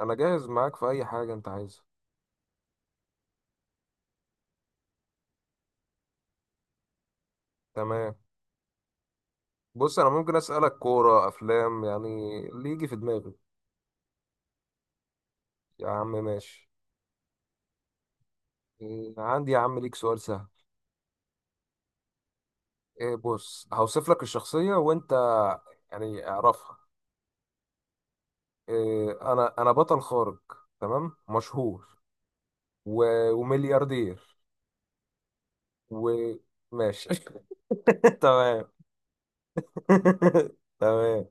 انا جاهز معاك في اي حاجه انت عايزها. تمام. بص، انا ممكن اسالك كوره، افلام، يعني اللي يجي في دماغي. يا عم ماشي. إيه، عندي يا عم ليك سؤال سهل. إيه، بص هوصف لك الشخصيه وانت يعني اعرفها. إيه، انا بطل خارق، تمام؟ مشهور و وملياردير. وماشي. تمام. تمام.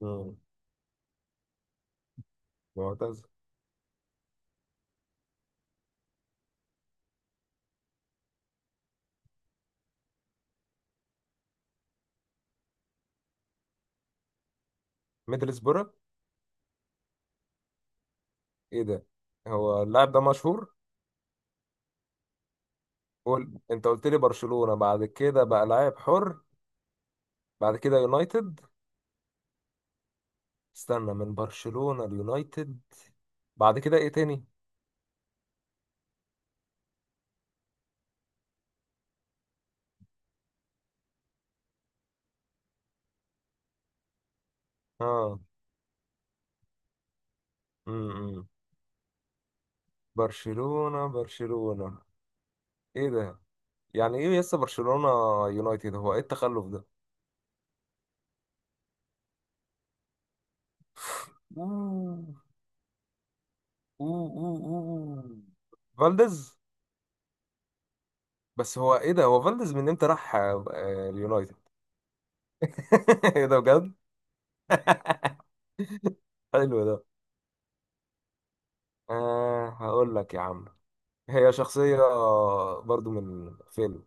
مم. معتز. ميدلسبرة. ايه ده، هو اللاعب ده مشهور؟ قول، انت قلت لي برشلونة، بعد كده بقى لاعب حر. بعد كده يونايتد. استنى، من برشلونة ليونايتد، بعد كده ايه تاني؟ اه. امم. برشلونة؟ برشلونة؟ ايه ده، يعني ايه لسه برشلونة يونايتد، هو ايه التخلف ده؟ أوه. أوه. أوه. أوه. فالديز. بس هو ايه ده، هو فالديز من امتى راح اليونايتد؟ ايه ده بجد. حلو ده. آه هقول لك يا عم. هي شخصية برضو من فيلم.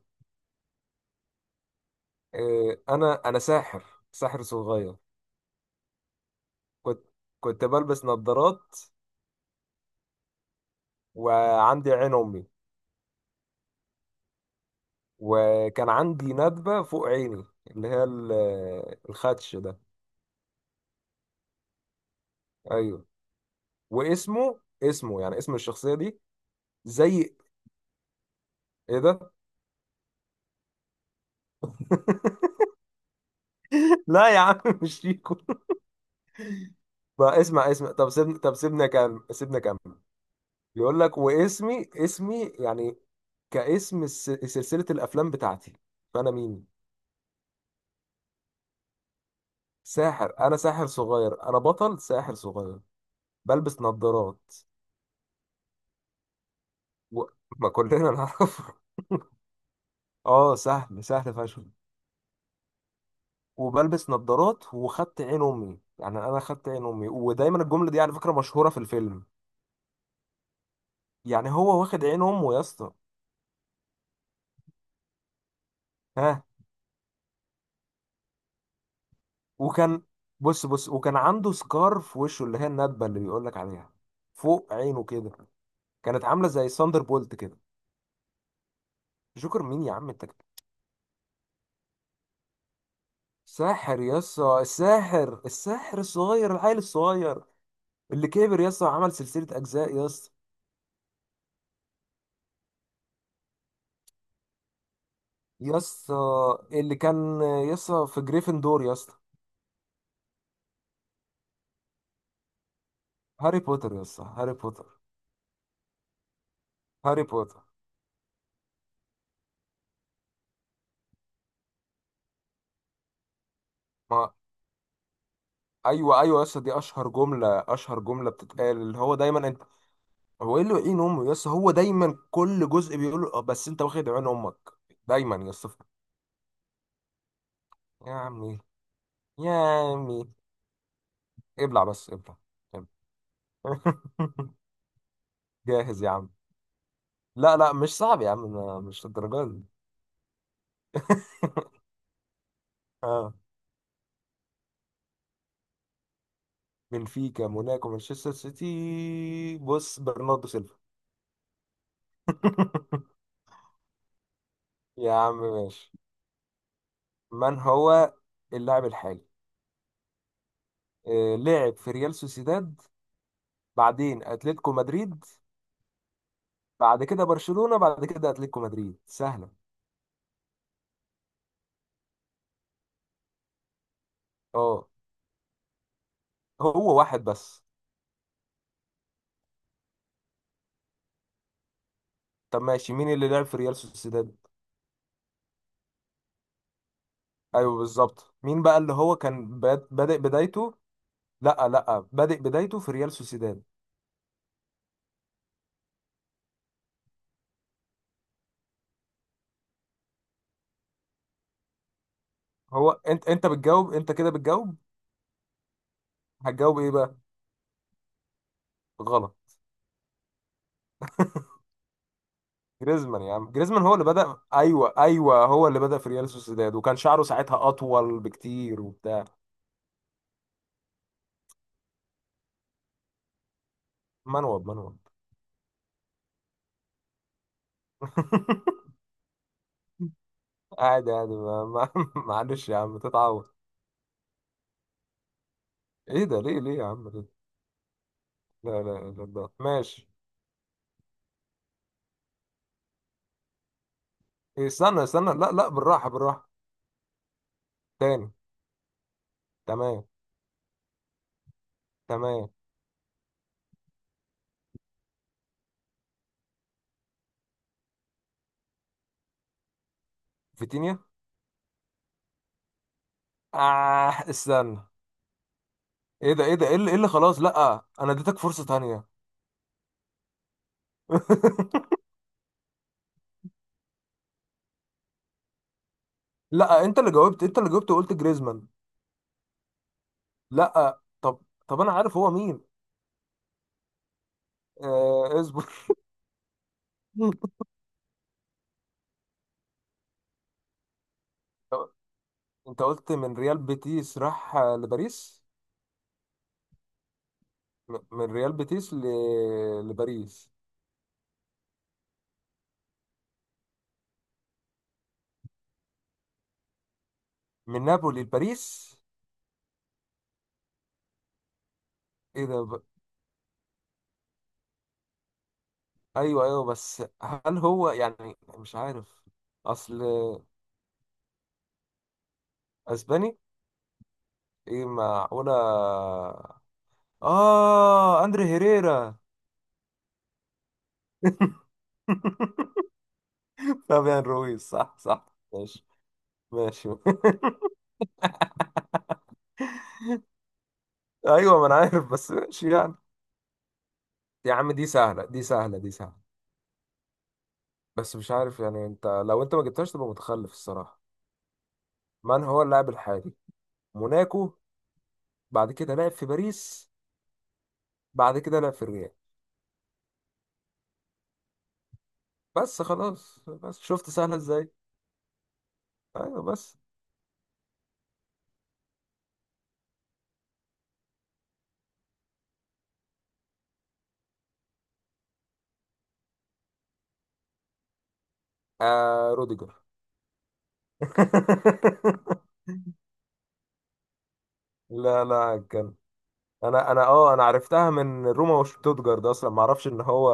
إيه، أنا ساحر، ساحر صغير. كنت، كنت بلبس نظارات، وعندي عين أمي، وكان عندي ندبة فوق عيني اللي هي الخدش ده. أيوه، واسمه، اسمه يعني اسم الشخصية دي زي. إيه ده؟ لا يا عم، مش شيكو. بقى اسمع اسمع، طب سيبني، طب سيبني أكمل، سيبني أكمل. بيقول لك، واسمي، اسمي يعني كاسم سلسلة الافلام بتاعتي، فانا مين؟ ساحر، انا ساحر صغير، انا بطل ساحر صغير، بلبس نظارات و ما كلنا نعرف. اه سهل، سهل فشخ، وبلبس نظارات وخدت عين امي، يعني انا خدت عين امي، ودايما الجمله دي على فكره مشهوره في الفيلم. يعني هو واخد عين امه يا اسطى. ها، وكان، بص بص، وكان عنده سكار في وشه، اللي هي الندبه اللي بيقول لك عليها فوق عينه كده، كانت عامله زي ساندر بولت كده. جوكر مين يا عم انت؟ ساحر، يسا الساحر، الساحر الصغير، العيل الصغير اللي كبر يسا، عمل سلسله اجزاء يسا. يسا اللي كان يسا في جريفندور يسا. هاري بوتر يسا، هاري بوتر. هاري بوتر. ما ايوه ايوه، يسا دي اشهر جمله، اشهر جمله بتتقال، اللي هو دايما انت. هو ايه اللي عين امه يسا، هو دايما كل جزء بيقول له، "آه، بس انت واخد عين امك دايما يسا". يا عمي، يا عمي، ابلع بس، ابلع. جاهز يا عم. لا لا، مش صعب يا عم، مش الدرجة دي. اه، بنفيكا، موناكو، مانشستر سيتي، بص برناردو سيلفا. يا عم ماشي. من هو اللاعب الحالي؟ آه، لعب في ريال سوسيداد، بعدين اتلتيكو مدريد، بعد كده برشلونة، بعد كده اتلتيكو مدريد، سهلة. اه، هو واحد بس. طب ماشي، مين اللي لعب في ريال سوسيداد؟ ايوه بالظبط، مين بقى اللي هو كان بادئ بدايته. لا لا، بادئ بدايته في ريال سوسيداد. هو انت بتجاوب، انت كده بتجاوب. هتجاوب ايه بقى؟ غلط. جريزمان يا عم، جريزمان هو اللي بدأ، ايوه ايوه هو اللي بدأ في ريال سوسيداد، وكان شعره ساعتها اطول بكتير وبتاع. منوب منوب. عادي عادي، معلش يا عم، تتعود. ايه ده، ليه ليه يا عم كده؟ لا لا لا لا، ماشي. إيه، استنى استنى، لا لا بالراحة، بالراحة. تاني. تمام. تمام. فيتينيا. آه استنى. ايه ده، ايه ده، إيه اللي خلاص، لا انا اديتك فرصة تانية. لا انت اللي جاوبت، انت اللي جاوبت وقلت جريزمان. لا طب. طب انا عارف هو مين. آه اصبر. طب انت قلت من ريال بيتيس راح لباريس. من ريال بيتيس ل لباريس. من نابولي لباريس. ايه ده. ايوه ايوه، بس هل هو يعني مش عارف. اصل. اسباني. ايه معقولة. اه، اندري هيريرا. فابيان رويز، صح صح. ماشي. ماشي. ايوه، ما انا عارف بس ماشي يعني. يا عم دي سهله، دي سهله، دي سهله. بس مش عارف يعني، انت لو انت ما جبتهاش تبقى متخلف الصراحه. من هو اللاعب الحالي؟ موناكو، بعد كده لعب في باريس، بعد كده لعب في الريال. بس خلاص، بس شفت سهله ازاي. ايوه بس. آه روديجر. لا لا، كان. انا اه، انا عرفتها من روما وشتوتجارد، اصلا ما اعرفش ان هو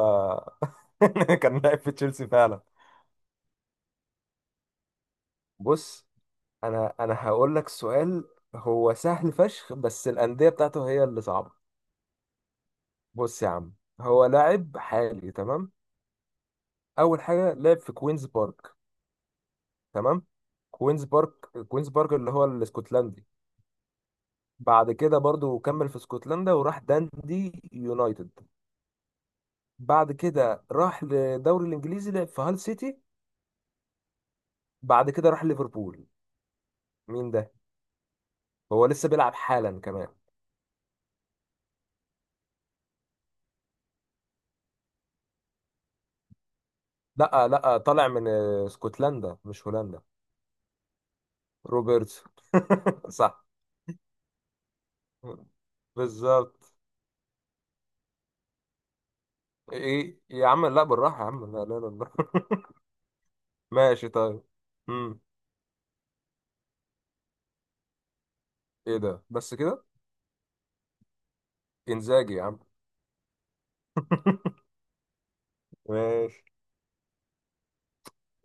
كان لاعب في تشيلسي فعلا. بص، انا هقول لك سؤال، هو سهل فشخ بس الانديه بتاعته هي اللي صعبه. بص يا عم، هو لاعب حالي، تمام؟ اول حاجه لعب في كوينز بارك. تمام. كوينز بارك، كوينز بارك اللي هو الاسكتلندي. بعد كده برضو كمل في اسكتلندا وراح داندي يونايتد. بعد كده راح للدوري الانجليزي، لعب في هال سيتي. بعد كده راح ليفربول. مين ده؟ هو لسه بيلعب حالا كمان. لا لا، طالع من اسكتلندا مش هولندا. روبرتسون. صح. بالظبط. ايه يا عم، لا بالراحة يا عم، لا لا لا، بالراحة. ماشي طيب. امم. ايه ده، بس كده؟ انزاجي يا عم. ماشي.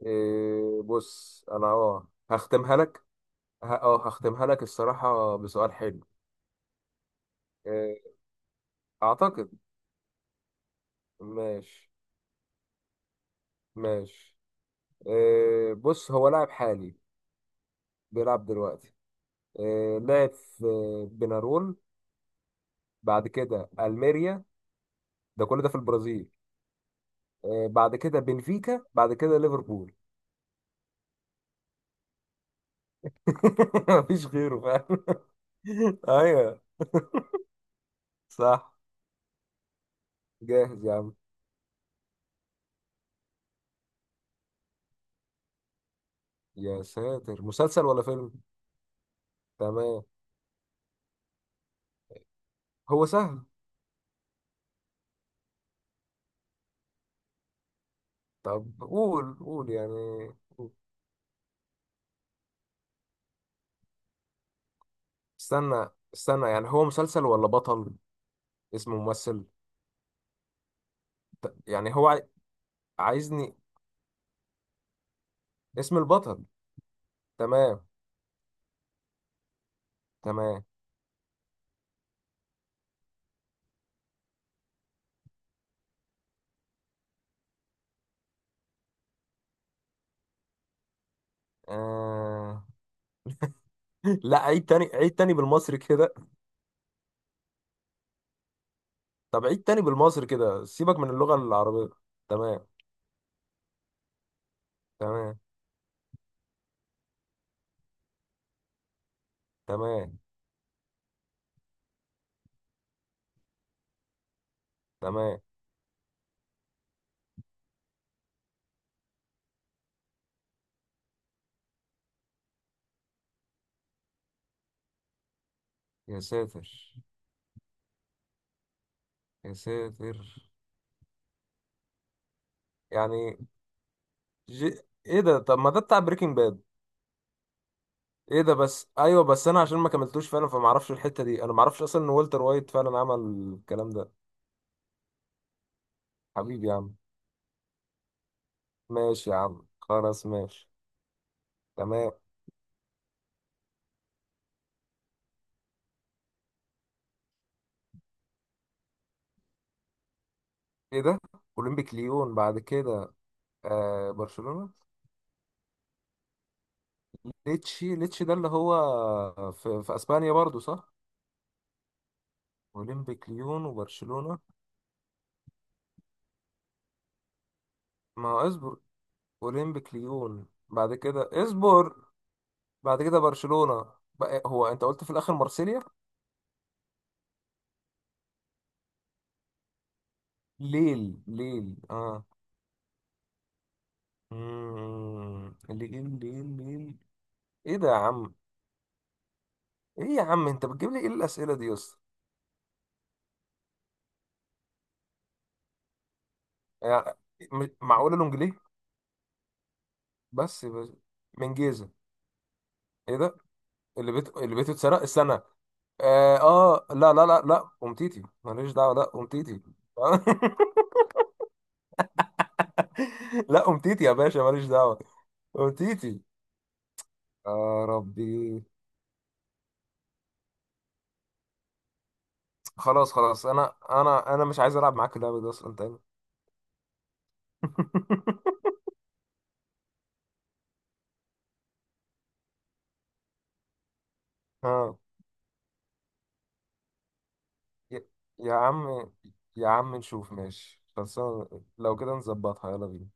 إيه بص، انا اه هختمها لك. اه هختمها لك الصراحة بسؤال حلو. إيه. اعتقد. ماشي. ماشي. إيه بص، هو لاعب حالي بيلعب دلوقتي. إيه، لعب في بنارول، بعد كده الميريا، ده كل ده في البرازيل. آه، بعد كده بنفيكا، بعد كده ليفربول. مفيش غيره فاهم. ايوه. صح. جاهز يا عم. يا ساتر، مسلسل ولا فيلم؟ تمام. هو سهل. طب قول، قول يعني. قول. استنى استنى، يعني هو مسلسل ولا بطل؟ اسم ممثل، يعني هو عايزني اسم البطل؟ تمام. تمام. آه. لا، عيد تاني، عيد تاني بالمصري كده. طب عيد تاني بالمصري كده، سيبك من اللغة العربية. تمام. تمام. تمام. تمام. يا ساتر. يا ساتر. يعني جي... ايه ده، طب ما ده بتاع بريكنج باد. ايه ده، بس ايوه، بس انا عشان ما كملتوش فعلا فما اعرفش الحته دي، انا ما اعرفش اصلا ان والتر وايت فعلا عمل الكلام ده. حبيبي يا عم. ماشي يا عم، خلاص ماشي. تمام. ايه ده، اولمبيك ليون بعد كده. آه برشلونه. ليتشي، ليتشي ده اللي هو في، في اسبانيا برضو صح؟ اولمبيك ليون وبرشلونه. ما هو اصبر. اولمبيك ليون بعد كده، اصبر. بعد كده برشلونة. بقى هو انت قلت في الاخر مارسيليا؟ ليل، ليل اه. مم. ليل، ليل، ليل. ايه ده يا عم. ايه يا عم، انت بتجيب لي ايه الاسئله دي يا اسطى؟ يعني معقوله لونجليه؟ بس. من جيزه. ايه ده، اللي بيته اتسرق السنه. لا لا لا لا، امتيتي ماليش دعوه، لا امتيتي. لا امتيتي يا باشا، ماليش دعوه. امتيتي. يا ربي. خلاص خلاص، انا مش عايز العب معاك اللعبه دي اصلا تاني. اه. يا يا عم، يا عم نشوف، ماشي خلاص. لو كده نظبطها يلا بينا.